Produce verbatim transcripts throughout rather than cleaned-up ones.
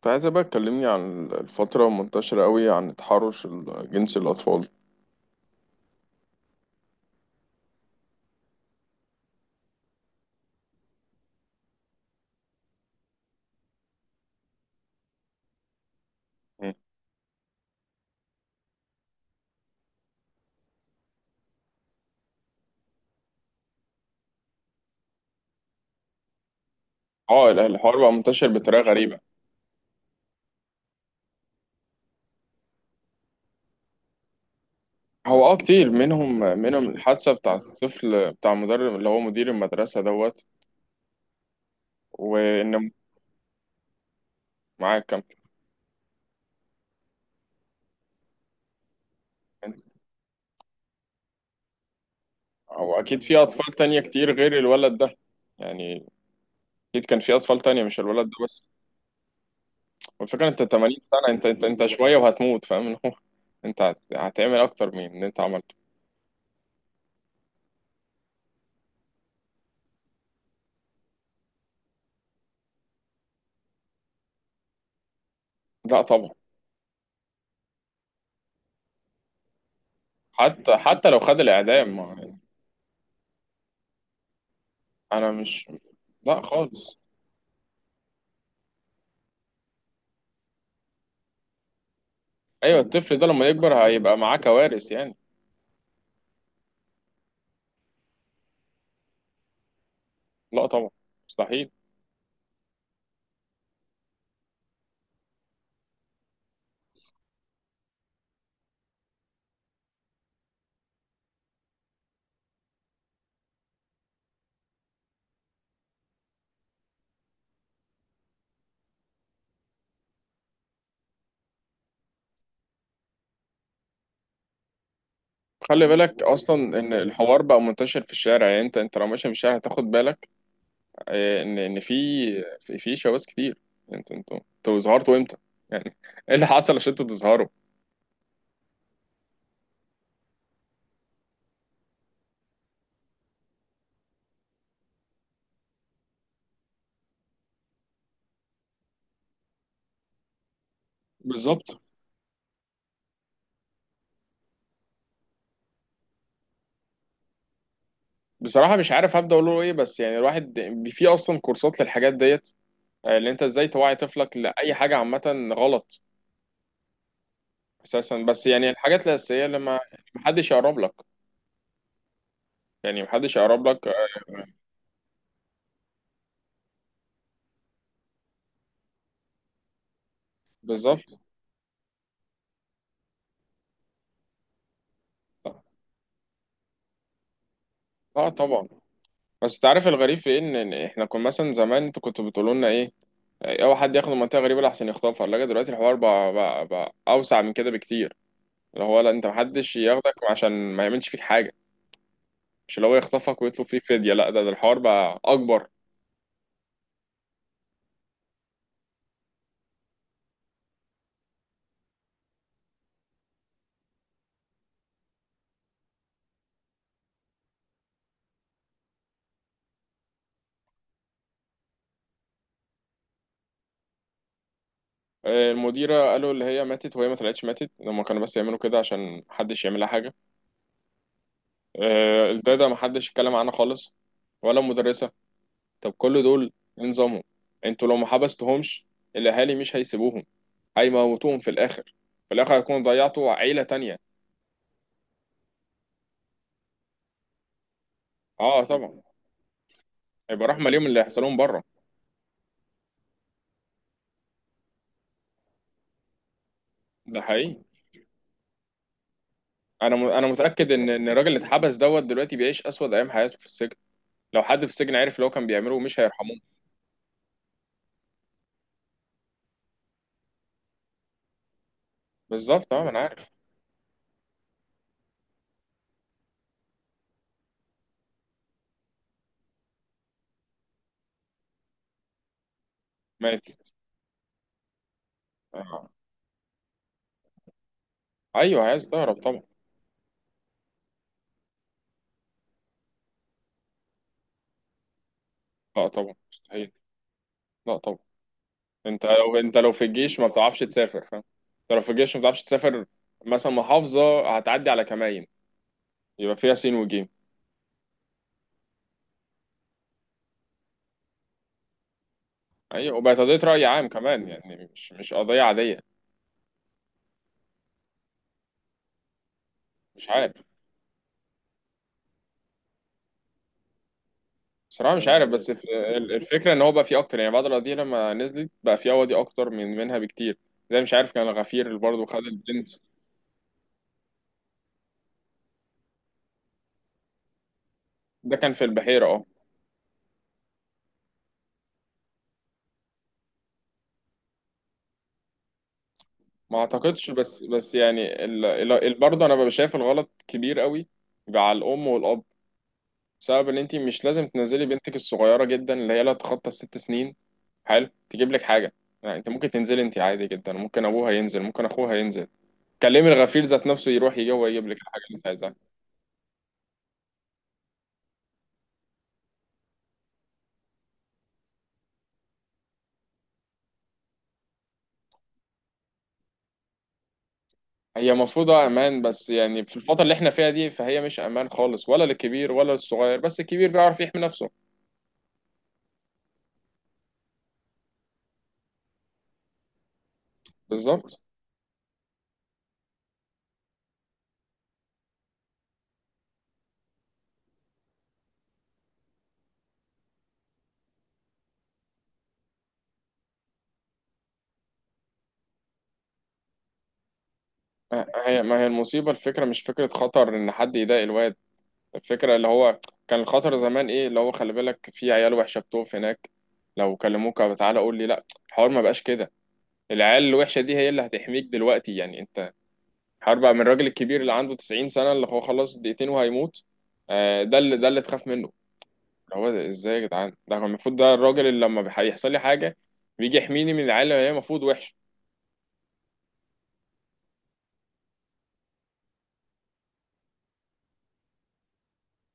كنت عايزة بقى تكلمني عن الفترة منتشرة قوي عن تحرش ال- جنس الأطفال. مم. اه ال- الحوار بقى منتشر بطريقة غريبة. هو اه كتير منهم منهم الحادثة بتاع الطفل بتاع مدرب اللي هو مدير المدرسة دوت. وإن معاك كام؟ أو أكيد في أطفال تانية كتير غير الولد ده. يعني أكيد كان في أطفال تانية مش الولد ده بس. والفكرة أنت 80 سنة، أنت أنت أنت شوية وهتموت، فاهم اللي هو أنت هت- هتعمل أكتر من اللي أنت عملته. لا طبعا. حتى حتى لو خد الإعدام ما- يعني. أنا مش، لا خالص. ايوه، الطفل ده لما يكبر هيبقى معاه كوارث يعني. لا طبعا، مستحيل. خلي بالك اصلا ان الحوار بقى منتشر في الشارع، يعني انت انت لو ماشي في الشارع هتاخد بالك آه، ان ان في في في شواذ كتير. انت انتوا انتوا ظهرتوا امتى؟ يعني ايه اللي حصل عشان انتوا تظهروا؟ بالظبط. بصراحه مش عارف هبدا اقول له ايه، بس يعني الواحد بي- في اصلا كورسات للحاجات ديت آه، اللي انت ازاي توعي طفلك لاي حاجه عامه غلط. اساسا، بس يعني الحاجات الاساسيه اللي ما محدش يقرب لك، يعني محدش يقرب لك آه، بالظبط، اه طبعا. بس انت عارف الغريب في إيه؟ ان إن احنا كنا مثلا زمان انتوا كنتوا بتقولوا لنا ايه؟ اوعى حد ياخد منطقه غريبه لحسن يخطفها الثلاجه. دلوقتي الحوار بقى, بقى, بقى اوسع من كده بكتير. اللي هو لا، انت محدش ياخدك عشان ما يعملش فيك حاجه، مش اللي هو يخطفك ويطلب فيك فديه. لا، ده, ده الحوار بقى اكبر. آه، المديره قالوا اللي هي ماتت، وهي ما طلعتش ماتت، هما كانوا بس يعملوا كده عشان محدش يعمل لها حاجه. آه، الداده محدش اتكلم عنها خالص، ولا المدرسه. طب كل دول إيه نظامهم؟ انتوا لو ما حبستهمش الاهالي مش هيسيبوهم، هيموتوهم في الاخر. في الاخر هيكونوا ضيعتوا عيله تانية. اه طبعا، هيبقى رحمه ليهم اللي هيحصل لهم بره. ده حقيقي. انا م... انا متاكد ان ان الراجل اللي اتحبس دوت دلوقتي بيعيش اسود ايام حياته في السجن. لو حد في السجن عرف اللي هو كان بيعمله مش هيرحموه. بالظبط، اه، ما انا عارف. مات. آه. ايوه، عايز تهرب طبعا. لا طبعا، مستحيل. لا طبعا. انت لو انت لو في الجيش ما بتعرفش تسافر، فاهم؟ انت لو في الجيش ما بتعرفش تسافر. مثلا محافظه هتعدي على كمائن، يبقى فيها سين وجيم. ايوه، وبقت قضية رأي عام كمان، يعني مش مش قضية عادية. مش عارف، بصراحة مش عارف، بس الف- ال- الفكرة ان هو بقى فيه اكتر، يعني بعد القضية لما نزلت بقى فيه قواضي اكتر من منها بكتير. زي مش عارف، كان الغفير اللي برضه خد البنت. ده كان في البحيرة، اه. ما اعتقدش، بس بس يعني ال- ال- ال- برضه انا ببقى شايف الغلط كبير قوي. يبقى على الام والاب، بسبب ان انت مش لازم تنزلي بنتك الصغيرة جدا اللي هي لا تتخطى الست سنين حلو تجيب لك حاجة. يعني انت ممكن تنزلي، انت عادي جدا، ممكن ابوها ينزل، ممكن اخوها ينزل. كلمي الغفير ذات نفسه يروح يجي هو يجيب لك الحاجه اللي انت عايزها. هي المفروض آه، امان، بس يعني في الفتره اللي احنا فيها دي فهي مش امان خالص، ولا للكبير ولا للصغير، بس الكبير بيعرف يحمي نفسه. بالظبط. ما هي ما هي المصيبه، الفكره مش فكره خطر ان حد يضايق الواد. الفكره اللي هو كان الخطر زمان ايه؟ اللي هو خلي بالك في عيال وحشه بتقف هناك، لو كلموك أو تعالى قول لي لا، الحوار ما بقاش كده. العيال الوحشه دي هي اللي هتحميك دلوقتي، يعني انت الحوار بقى من الراجل الكبير اللي عنده تسعين سنة سنه، اللي هو خلاص دقيقتين وهيموت. آه، ده اللي ده اللي تخاف منه. اللي هو ده ازاي يا جدعان؟ ده كان المفروض ده الراجل اللي لما بيح- يحصل لي حاجه بيجي يحميني من العيال اللي هي المفروض وحشه.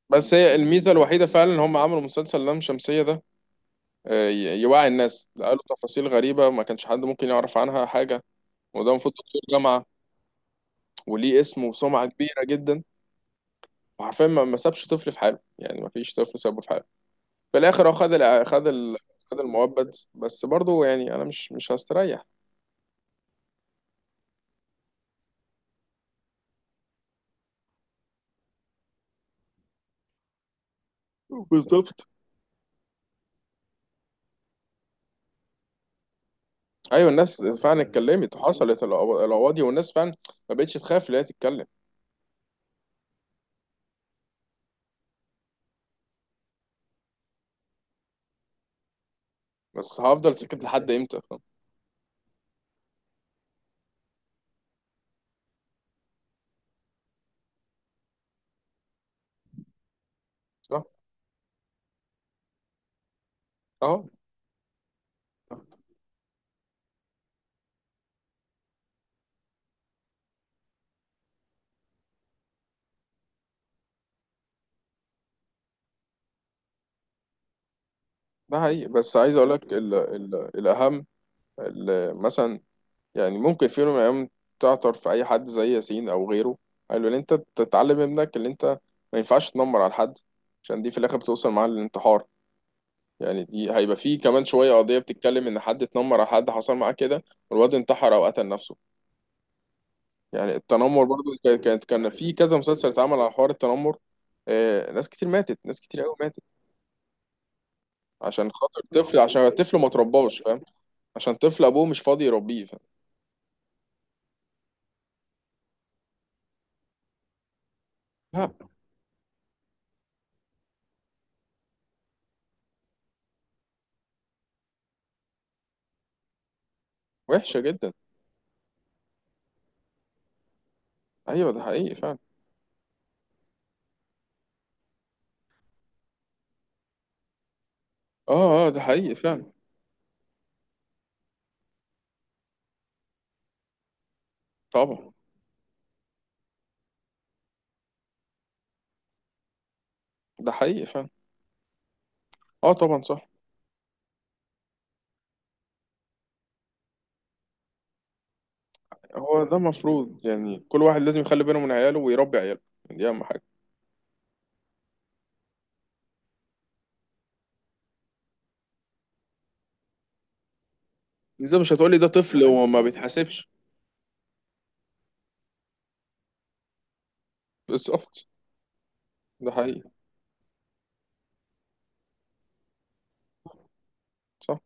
بس هي الميزه الوحيده فعلا ان هم عملوا مسلسل لام شمسيه ده، آه، ي- يوعي الناس. ده قالوا تفاصيل غريبه ما كانش حد ممكن يعرف عنها حاجه. وده المفروض دكتور جامعه وليه اسم وسمعه كبيره جدا. وحرفيا ما ما سابش طفل في حاله، يعني ما فيش طفل سابه في حاله. في الاخر هو خد الع- خد ال- خد المؤبد، بس برضه يعني انا مش مش هستريح. بالظبط. ايوه، الناس فعلا اتكلمت وحصلت القوا- القواضي، والناس فعلا ما بقتش تخاف اللي هي تتكلم. بس هفضل ساكت لحد امتى؟ صح، اه، ده حقيقي، بس عايز اقول لك ال ال الاهم. ال- مثلا، يعني ممكن في يوم من الايام تعثر في اي حد زي ياسين او غيره، قالوا ان انت تتعلم ابنك ان انت ما ينفعش تنمر على حد، عشان دي في الاخر بتوصل معاه للانتحار. يعني دي هيبقى فيه كمان شويه قضيه بتتكلم ان حد اتنمر على حد، حصل معاه كده والواد انتحر او قتل نفسه. يعني التنمر برضو كان- كانت كان في كذا مسلسل اتعمل على حوار التنمر. آه، ناس كتير ماتت، ناس كتير قوي ماتت عشان خاطر طفل، عشان الطفل ما ترباش، فاهم؟ عشان طفل ابوه مش فاضي يربيه، فاهم؟ لا، وحشة جدا. ايوه، ده حقيقي فعلا. اه، اه، ده حقيقي فعلا. طبعا، ده حقيقي فعلا. اه طبعا، صح. هو ده المفروض، يعني كل واحد لازم يخلي باله من عياله ويربي عياله، دي اهم حاجة. ازاي؟ مش هتقولي ده طفل وما بيتحاسبش؟ بالظبط. ده حقيقي، صح،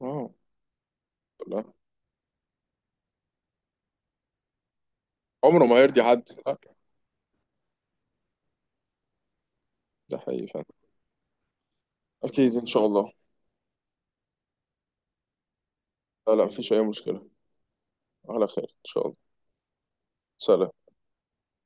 اه. لا، عمره ما هيرضي حد، لا. ده حقيقي فعلا. أكيد إن شاء الله. لا، لا، مفيش أي مشكلة. على خير إن شاء الله. سلام.